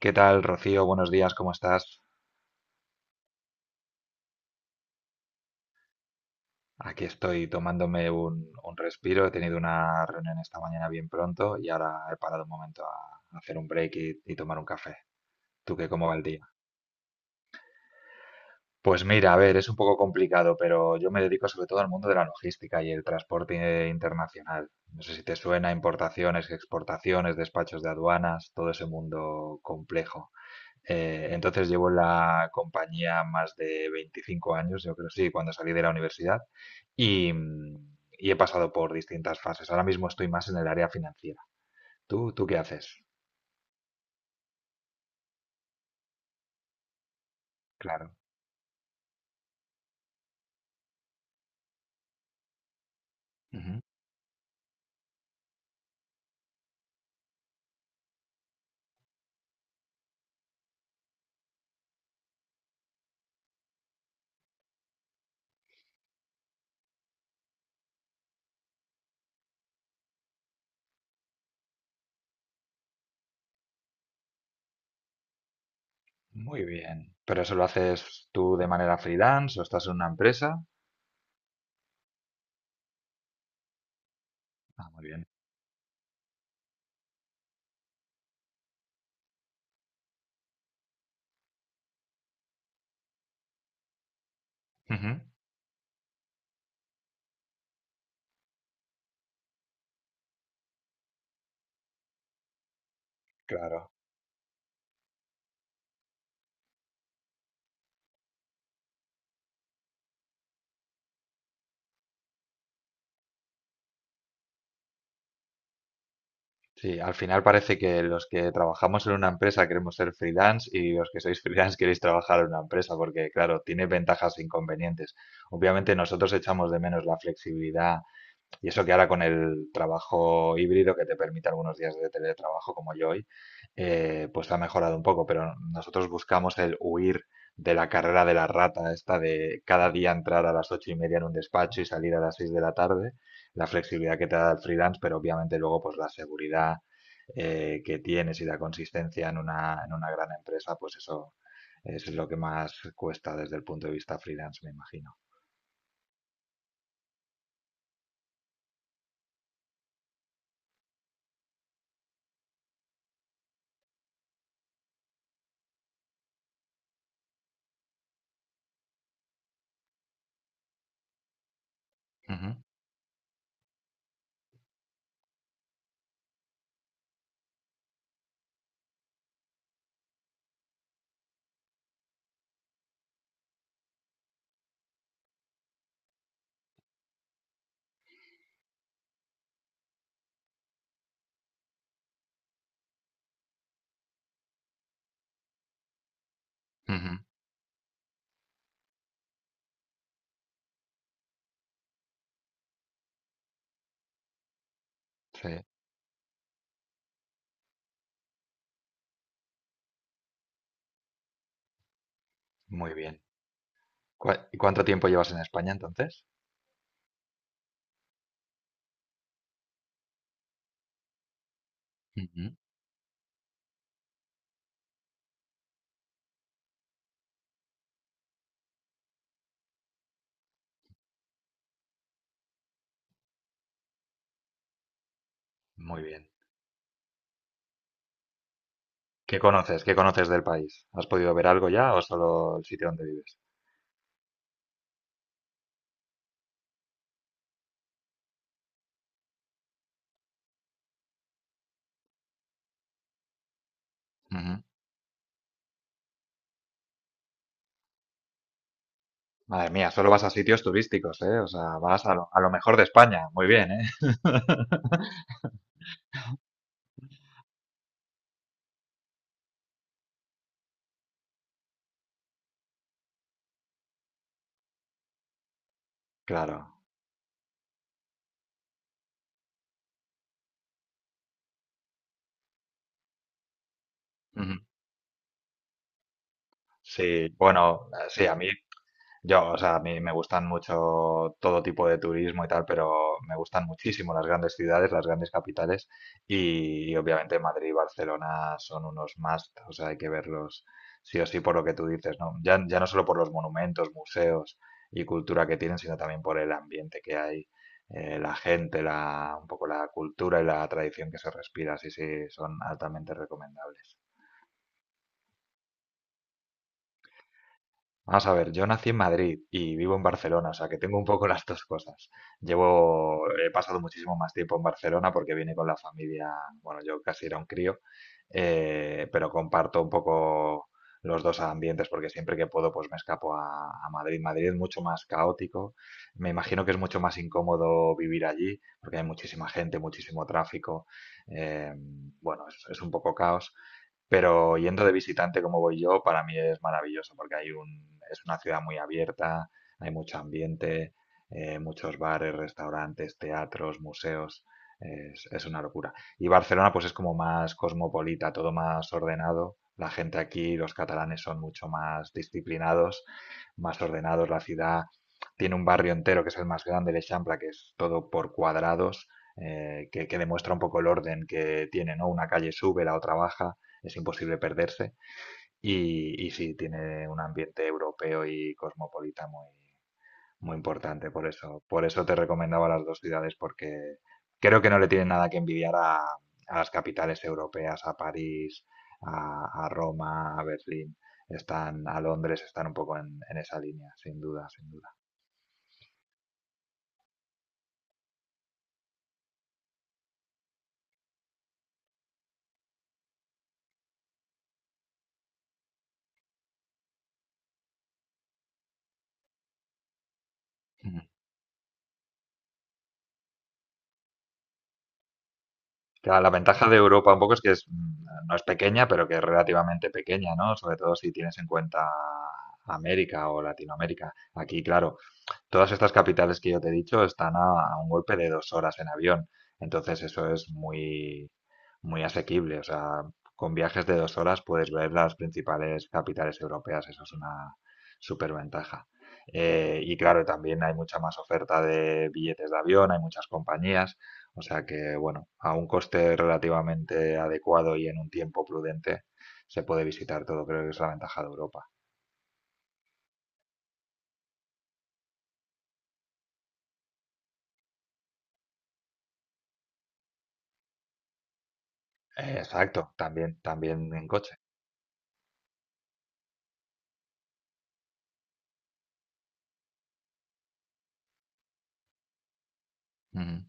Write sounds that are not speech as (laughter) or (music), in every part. ¿Qué tal, Rocío? Buenos días, ¿cómo estás? Aquí estoy tomándome un respiro. He tenido una reunión esta mañana bien pronto y ahora he parado un momento a hacer un break y tomar un café. ¿Cómo va el día? Pues mira, a ver, es un poco complicado, pero yo me dedico sobre todo al mundo de la logística y el transporte internacional. No sé si te suena importaciones, exportaciones, despachos de aduanas, todo ese mundo complejo. Entonces llevo en la compañía más de 25 años, yo creo, sí, cuando salí de la universidad y, mm, y he pasado por distintas fases. Ahora mismo estoy más en el área financiera. ¿Tú qué haces? Claro. Ujú. Muy bien. ¿Pero eso lo haces tú de manera freelance o estás en una empresa? Ah, muy bien. Ujú. Claro. Sí, al final parece que los que trabajamos en una empresa queremos ser freelance y los que sois (laughs) freelance queréis trabajar en una empresa porque, claro, tiene ventajas e inconvenientes. Obviamente nosotros echamos de menos la flexibilidad y eso que ahora con el trabajo híbrido que te permite algunos días de teletrabajo como yo hoy, pues ha mejorado un poco, pero nosotros buscamos el huir de la carrera de la rata, esta de cada día entrar a las 8:30 en un despacho y salir a las 6 de la tarde, la flexibilidad que te da el freelance, pero obviamente luego pues la seguridad que tienes y la consistencia en una gran empresa, pues eso es lo que más cuesta desde el punto de vista freelance, me imagino. Ujú, ujú, sí, muy bien. ¿Y cuánto tiempo llevas en España entonces? Ujú. Muy bien. ¿Qué conoces? ¿Qué conoces del país? ¿Has podido ver algo ya o solo el sitio donde vives? Ujú. Madre mía, solo vas a sitios turísticos, ¿eh? O sea, vas a lo, mejor de España. Muy bien, ¿eh? (laughs) Claro. Ujú. Sí, bueno, sí, a mí yo, o sea, a mí me gustan mucho todo tipo de turismo y tal, pero me gustan muchísimo las grandes ciudades, las grandes capitales y obviamente Madrid y Barcelona son unos must, o sea, hay que verlos sí o sí por lo que tú dices, ¿no? Ya, ya no solo por los monumentos, museos y cultura que tienen, sino también por el ambiente que hay, la gente, un poco la cultura y la tradición que se respira, sí, sí, son altamente recomendables. Vamos a ver, yo nací en Madrid y vivo en Barcelona, o sea que tengo un poco (laughs) las dos cosas. Llevo, he pasado muchísimo más tiempo en Barcelona porque vine con la familia, bueno, yo casi era un crío, pero comparto un poco los dos ambientes porque siempre que puedo pues me escapo a, Madrid. Madrid es mucho más caótico, me imagino que es mucho más incómodo vivir allí porque hay muchísima gente, muchísimo tráfico, eh, bueno, es un poco caos. Pero yendo de visitante como voy yo, para mí es maravilloso porque hay es una ciudad muy abierta, hay mucho ambiente, muchos bares, restaurantes, teatros, museos. es una locura. Y Barcelona pues es como más cosmopolita, todo más ordenado. La gente aquí, los catalanes son mucho más disciplinados, más ordenados. La ciudad tiene un barrio entero que es el más grande, el Eixample, que es todo por cuadrados, que demuestra un poco el orden que tiene, ¿no? Una calle sube, la otra baja, es imposible perderse. Y sí, tiene un ambiente europeo y cosmopolita muy, muy importante, por eso te recomendaba las dos ciudades, porque creo que no le tienen nada que envidiar a, las capitales europeas, a París, a Roma, a Berlín, están a Londres, están un poco en esa línea, sin duda, sin duda. Ujú. Claro, la ventaja de Europa un poco es que es, no es pequeña, pero que es relativamente pequeña, ¿no? Sobre todo si tienes en cuenta América o Latinoamérica. Aquí, claro, todas estas capitales que yo te he dicho están a un golpe de 2 horas en avión, entonces eso es muy, muy asequible. O sea, con viajes de 2 horas puedes ver las principales capitales europeas, eso es una superventaja. Y claro, también hay mucha más oferta de billetes de avión, hay muchas compañías, o sea que, bueno, a un coste relativamente adecuado y en un tiempo prudente se puede visitar todo, creo que es la ventaja de Europa. Exacto, también, también en coche. Ujú.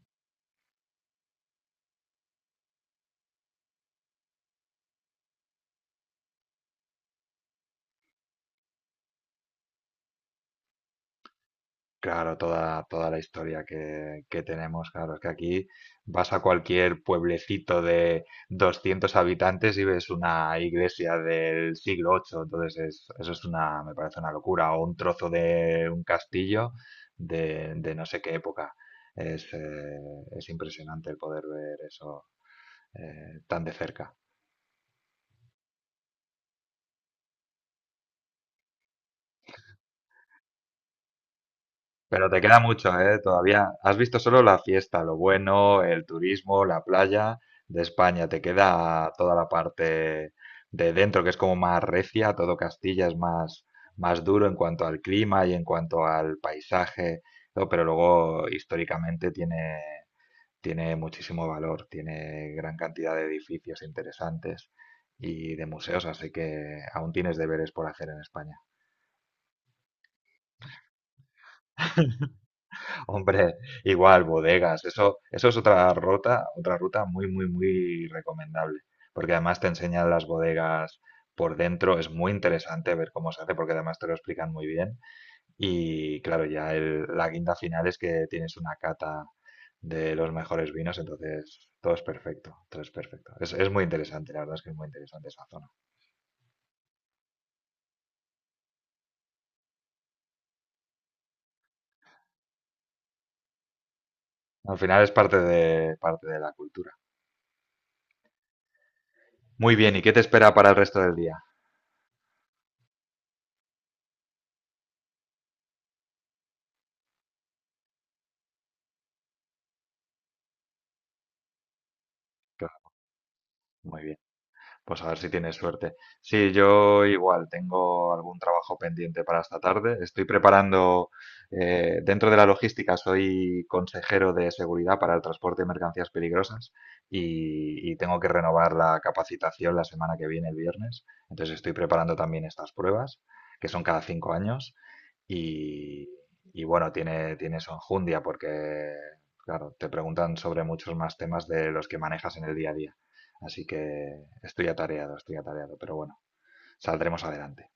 Claro, toda, la historia que tenemos, claro, es que aquí vas a cualquier pueblecito de 200 habitantes y ves una iglesia del siglo VIII, entonces eso es una, me parece una locura, o un trozo de un castillo de no sé qué época. Es, eh, es impresionante el poder ver eso tan de cerca. Pero te queda mucho, ¿eh? Todavía has visto solo la fiesta, lo bueno, el turismo, la playa de España. Te queda toda la parte de dentro, que es como más recia, todo Castilla es más, duro en cuanto al clima y en cuanto al paisaje, ¿no? Pero luego históricamente tiene muchísimo valor, tiene gran cantidad de edificios interesantes y de museos, así que aún tienes deberes por hacer en España. (laughs) Hombre, igual, bodegas. Eso es otra ruta muy, muy, muy recomendable. Porque además te enseñan las bodegas por dentro. Es muy interesante ver cómo se hace, porque además te lo explican muy bien. Y claro, ya la guinda final es que tienes una cata de los mejores vinos, entonces todo es perfecto, todo es perfecto. es muy interesante, la verdad es que es muy interesante esa zona. Al final es parte de la cultura. Muy bien, ¿y qué te espera para el resto del día? Claro, muy bien. Pues a ver si tienes suerte. Sí, yo igual tengo algún trabajo pendiente para esta tarde. Estoy preparando, dentro de la logística, soy consejero de seguridad para el transporte de mercancías peligrosas y tengo que renovar la capacitación la semana que viene, el viernes. Entonces estoy preparando también estas pruebas, que son cada 5 años. Y, y bueno, tiene, su enjundia porque, claro, te preguntan sobre muchos más temas de los que manejas en el día a día. Así que estoy atareado, pero bueno, saldremos adelante.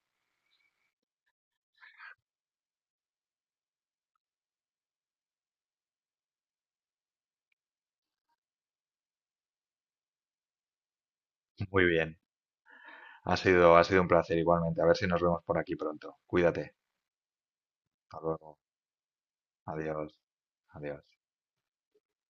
Muy bien. Ha sido un placer igualmente. A ver si nos vemos por aquí pronto. Cuídate. Hasta luego. Adiós. Adiós.